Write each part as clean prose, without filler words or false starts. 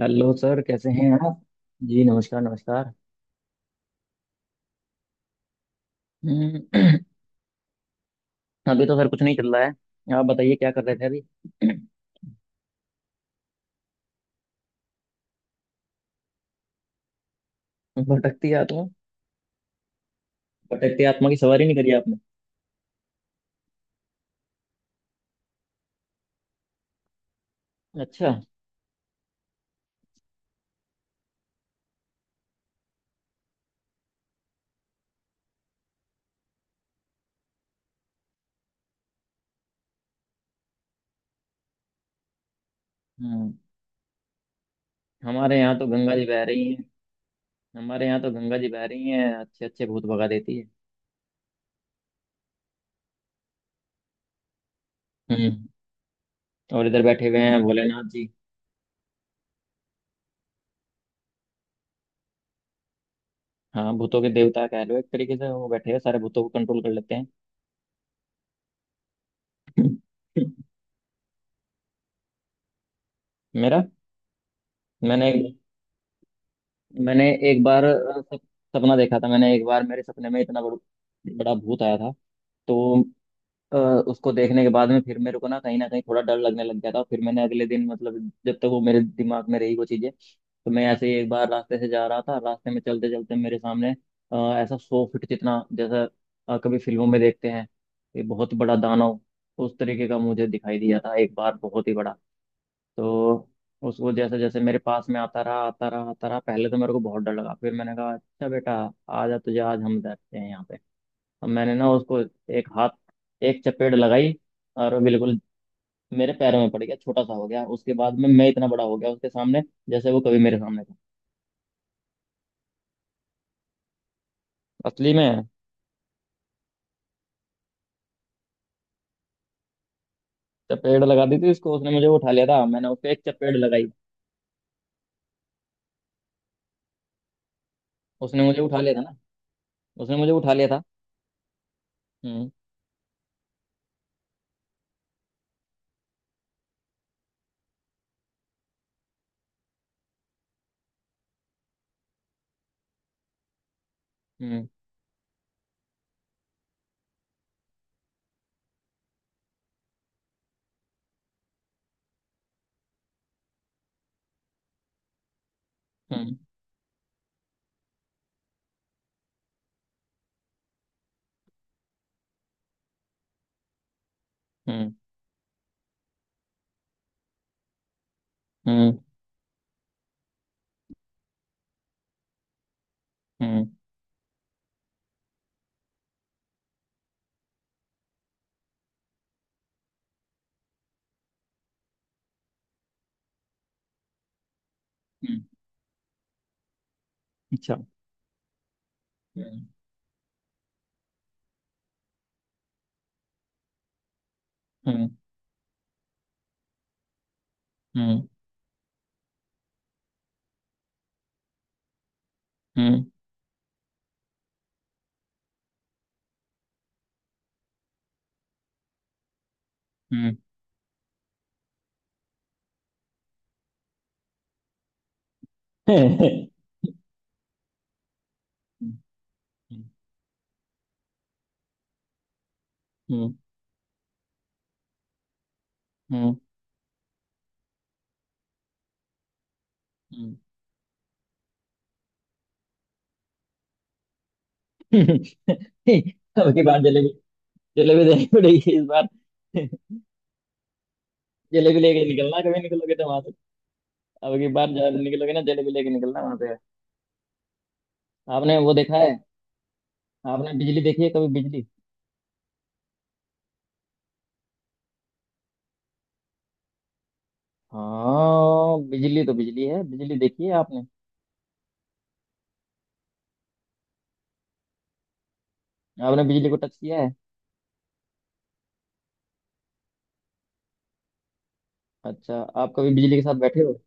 Hello sir, कैसे हैं आप? जी, नमस्कार नमस्कार। हम्म। अभी तो सर कुछ नहीं चल रहा है, आप बताइए क्या कर रहे थे अभी। भटकती आत्मा? भटकती आत्मा की सवारी नहीं करी आपने? अच्छा। हम्म। हमारे यहाँ तो गंगा जी बह रही हैं। हमारे यहाँ तो गंगा जी बह रही हैं, अच्छे अच्छे भूत भगा देती है। हम्म। और इधर बैठे हुए हैं भोलेनाथ जी। हाँ, भूतों के देवता कह लो एक तरीके से, वो बैठे हैं, सारे भूतों को कंट्रोल कर लेते हैं। मेरा। मैंने मैंने एक बार सपना देखा था। मैंने एक बार मेरे सपने में इतना बड़ा भूत आया था। तो अ, उसको देखने के बाद में फिर मेरे को ना कहीं थोड़ा डर लगने लग गया था। फिर मैंने अगले दिन, मतलब जब तक वो मेरे दिमाग में रही वो चीजें, तो मैं ऐसे ही एक बार रास्ते से जा रहा था। रास्ते में चलते चलते मेरे सामने अ, ऐसा 100 फीट जितना, जैसा कभी फिल्मों में देखते हैं ये बहुत बड़ा दानव, उस तरीके का मुझे दिखाई दिया था एक बार, बहुत ही बड़ा। तो उसको, जैसे जैसे मेरे पास में आता रहा आता रहा आता रहा, पहले तो मेरे को बहुत डर लगा, फिर मैंने कहा अच्छा बेटा, आजा, तुझे आज हम बैठते हैं यहाँ पे। अब मैंने ना उसको एक हाथ, एक चपेट लगाई, और वो बिल्कुल मेरे पैरों में पड़ गया, छोटा सा हो गया, उसके बाद में मैं इतना बड़ा हो गया उसके सामने, जैसे वो कभी मेरे सामने था। असली में। चपेट लगा दी थी उसको। उसने मुझे उठा लिया था, मैंने उसको एक चपेट लगाई। उसने मुझे उठा लिया था ना। उसने मुझे उठा लिया था। हम्म। हम्म। हम्म। हम्म। हम्म। हम्म। हम्म। अच्छा। हम्म। हम्म। हम्म। हम्म। हम्म। हम्म। हम्म। हम्म। हम्ब। अब की बार जलेबी, जलेबी देनी पड़ेगी इस बार। जलेबी लेके निकलना, कभी निकलोगे तो वहां से। अब की बार जब निकलोगे ना, जलेबी लेके निकलना वहां पे। आपने वो देखा है? आपने बिजली देखी है? कभी बिजली? हाँ, बिजली तो बिजली है, बिजली देखी है आपने? आपने बिजली को टच किया है? अच्छा। आप कभी बिजली के साथ बैठे हो?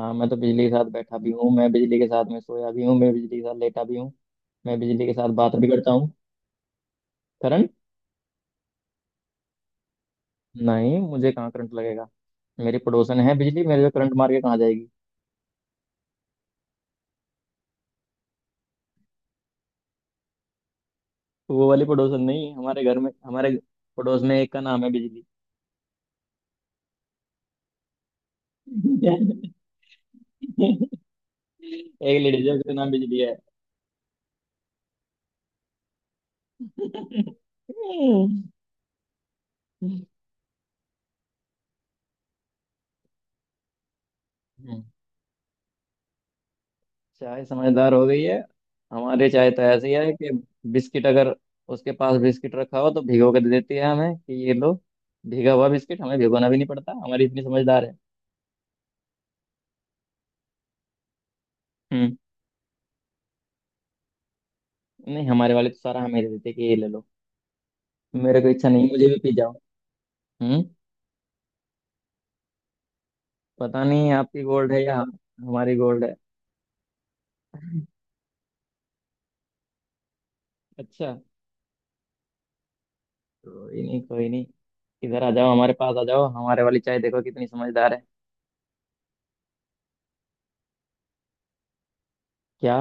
हाँ, मैं तो बिजली के साथ बैठा भी हूँ, मैं बिजली के साथ में सोया भी हूँ, मैं बिजली के साथ लेटा भी हूँ। मैं बिजली के साथ बात भी करता हूँ। करण। नहीं, मुझे कहाँ करंट लगेगा। मेरी पड़ोसन है बिजली, मेरे को करंट मार के कहाँ जाएगी। तो वो वाली पड़ोसन नहीं, हमारे घर में, हमारे पड़ोस में एक का नाम है बिजली। एक लेडीज है, उसका नाम बिजली है। हम्म। चाय समझदार हो गई है? हमारे चाय तो ऐसी है कि बिस्किट, अगर उसके पास बिस्किट रखा हो तो भिगो के दे देती है हमें कि ये लो भीगा हुआ बिस्किट, हमें भिगोना भी नहीं पड़ता, हमारी इतनी समझदार है। हम्म। नहीं, हमारे वाले तो सारा हमें दे देते हैं कि ये ले लो, मेरे को इच्छा नहीं, मुझे भी पी। हम्म। पता नहीं आपकी गोल्ड है या हमारी गोल्ड है। अच्छा। कोई नहीं, कोई नहीं। इधर आ जाओ, हमारे पास आ जाओ, हमारे वाली चाय देखो कितनी समझदार है। क्या?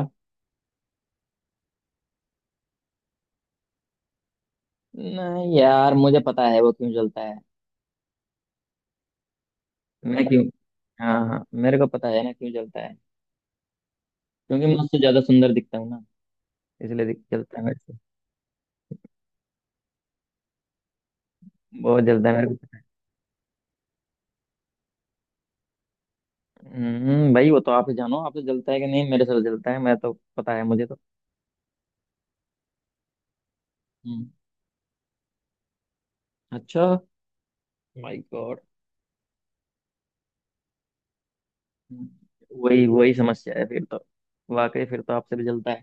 नहीं यार, मुझे पता है वो क्यों जलता है। मैं क्यों? हाँ हाँ, मेरे को पता है ना क्यों जलता है। क्योंकि मैं उससे ज्यादा सुंदर दिखता हूँ ना, इसलिए जलता है मेरे से। बहुत जलता है मेरे को। हम्म, भाई वो तो आप ही जानो आपसे जलता है कि नहीं, मेरे से तो जलता है, मैं तो पता है मुझे तो। हम्म। अच्छा। My God. वही वही समस्या है फिर तो। वाकई फिर तो आपसे भी जलता है,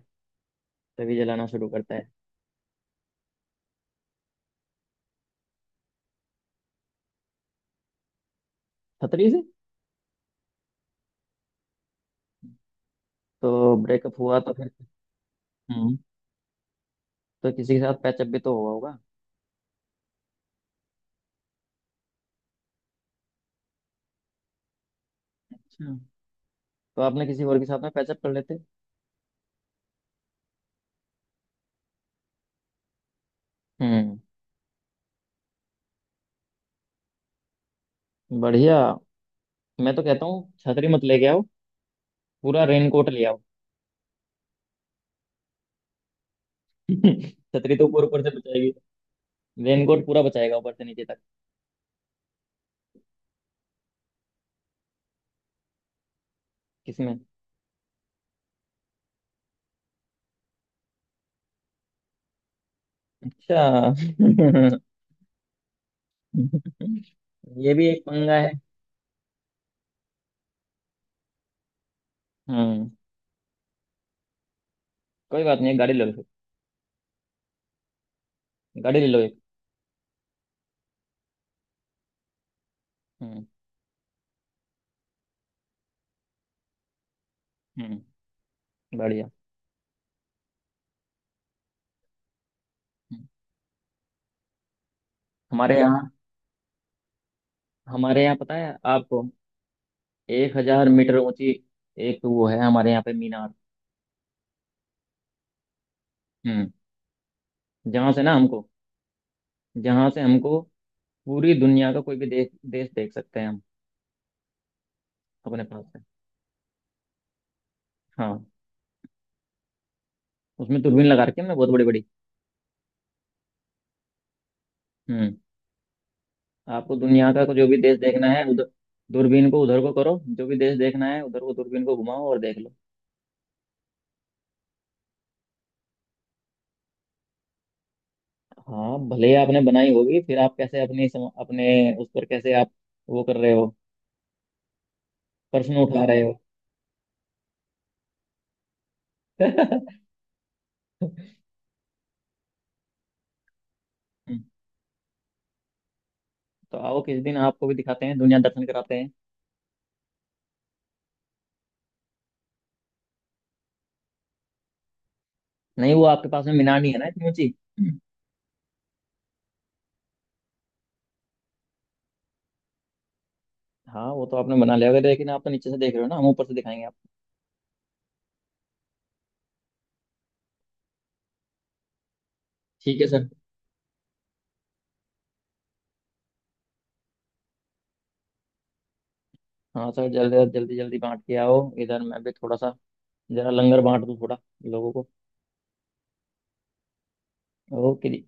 तभी जलाना शुरू करता है। खतरी से? तो ब्रेकअप हुआ तो फिर? हम्म। तो किसी के साथ पैचअप भी तो हुआ होगा। अच्छा। तो आपने किसी और के साथ में पैचअप कर लेते। हम्म। बढ़िया। मैं तो कहता हूँ छतरी मत लेके आओ, पूरा रेनकोट ले आओ। छतरी तो ऊपर ऊपर से बचाएगी। रेनकोट पूरा बचाएगा ऊपर से नीचे तक। किसमें? अच्छा। ये भी एक पंगा है। हम्म। कोई बात नहीं, एक गाड़ी ले लो फिर। गाड़ी ले लो एक। हम्म। हम्म। बढ़िया। हम्म। हमारे यहाँ, हमारे यहाँ पता है आपको, 1000 मीटर ऊंची एक वो है हमारे यहाँ पे मीनार। हम्म। जहाँ से ना हमको, जहाँ से हमको पूरी दुनिया का कोई भी देश देश देख सकते हैं हम अपने पास से। हाँ। उसमें दूरबीन लगा रखी है हमने, बहुत बड़ी बड़ी। हम्म। आपको दुनिया का को जो भी देश देखना है उधर दूरबीन को, उधर को करो, जो भी देश देखना है उधर को दूरबीन को घुमाओ और देख लो। हाँ, भले ही आपने बनाई होगी, फिर आप कैसे अपने उस पर कैसे आप वो कर रहे हो, प्रश्न उठा रहे हो। तो आओ किस दिन, आपको भी दिखाते हैं, दुनिया दर्शन कराते हैं। नहीं, वो आपके पास में मीनार नहीं है ना इतनी ऊंची। हाँ, वो तो आपने बना लिया होगा, लेकिन आप तो नीचे से देख रहे हो ना, हम ऊपर से दिखाएंगे आप। ठीक है सर। हाँ सर, जल्दी जल्दी जल्दी बांट के आओ, इधर मैं भी थोड़ा सा जरा लंगर बांट दूँ थोड़ा लोगों को। ओके जी।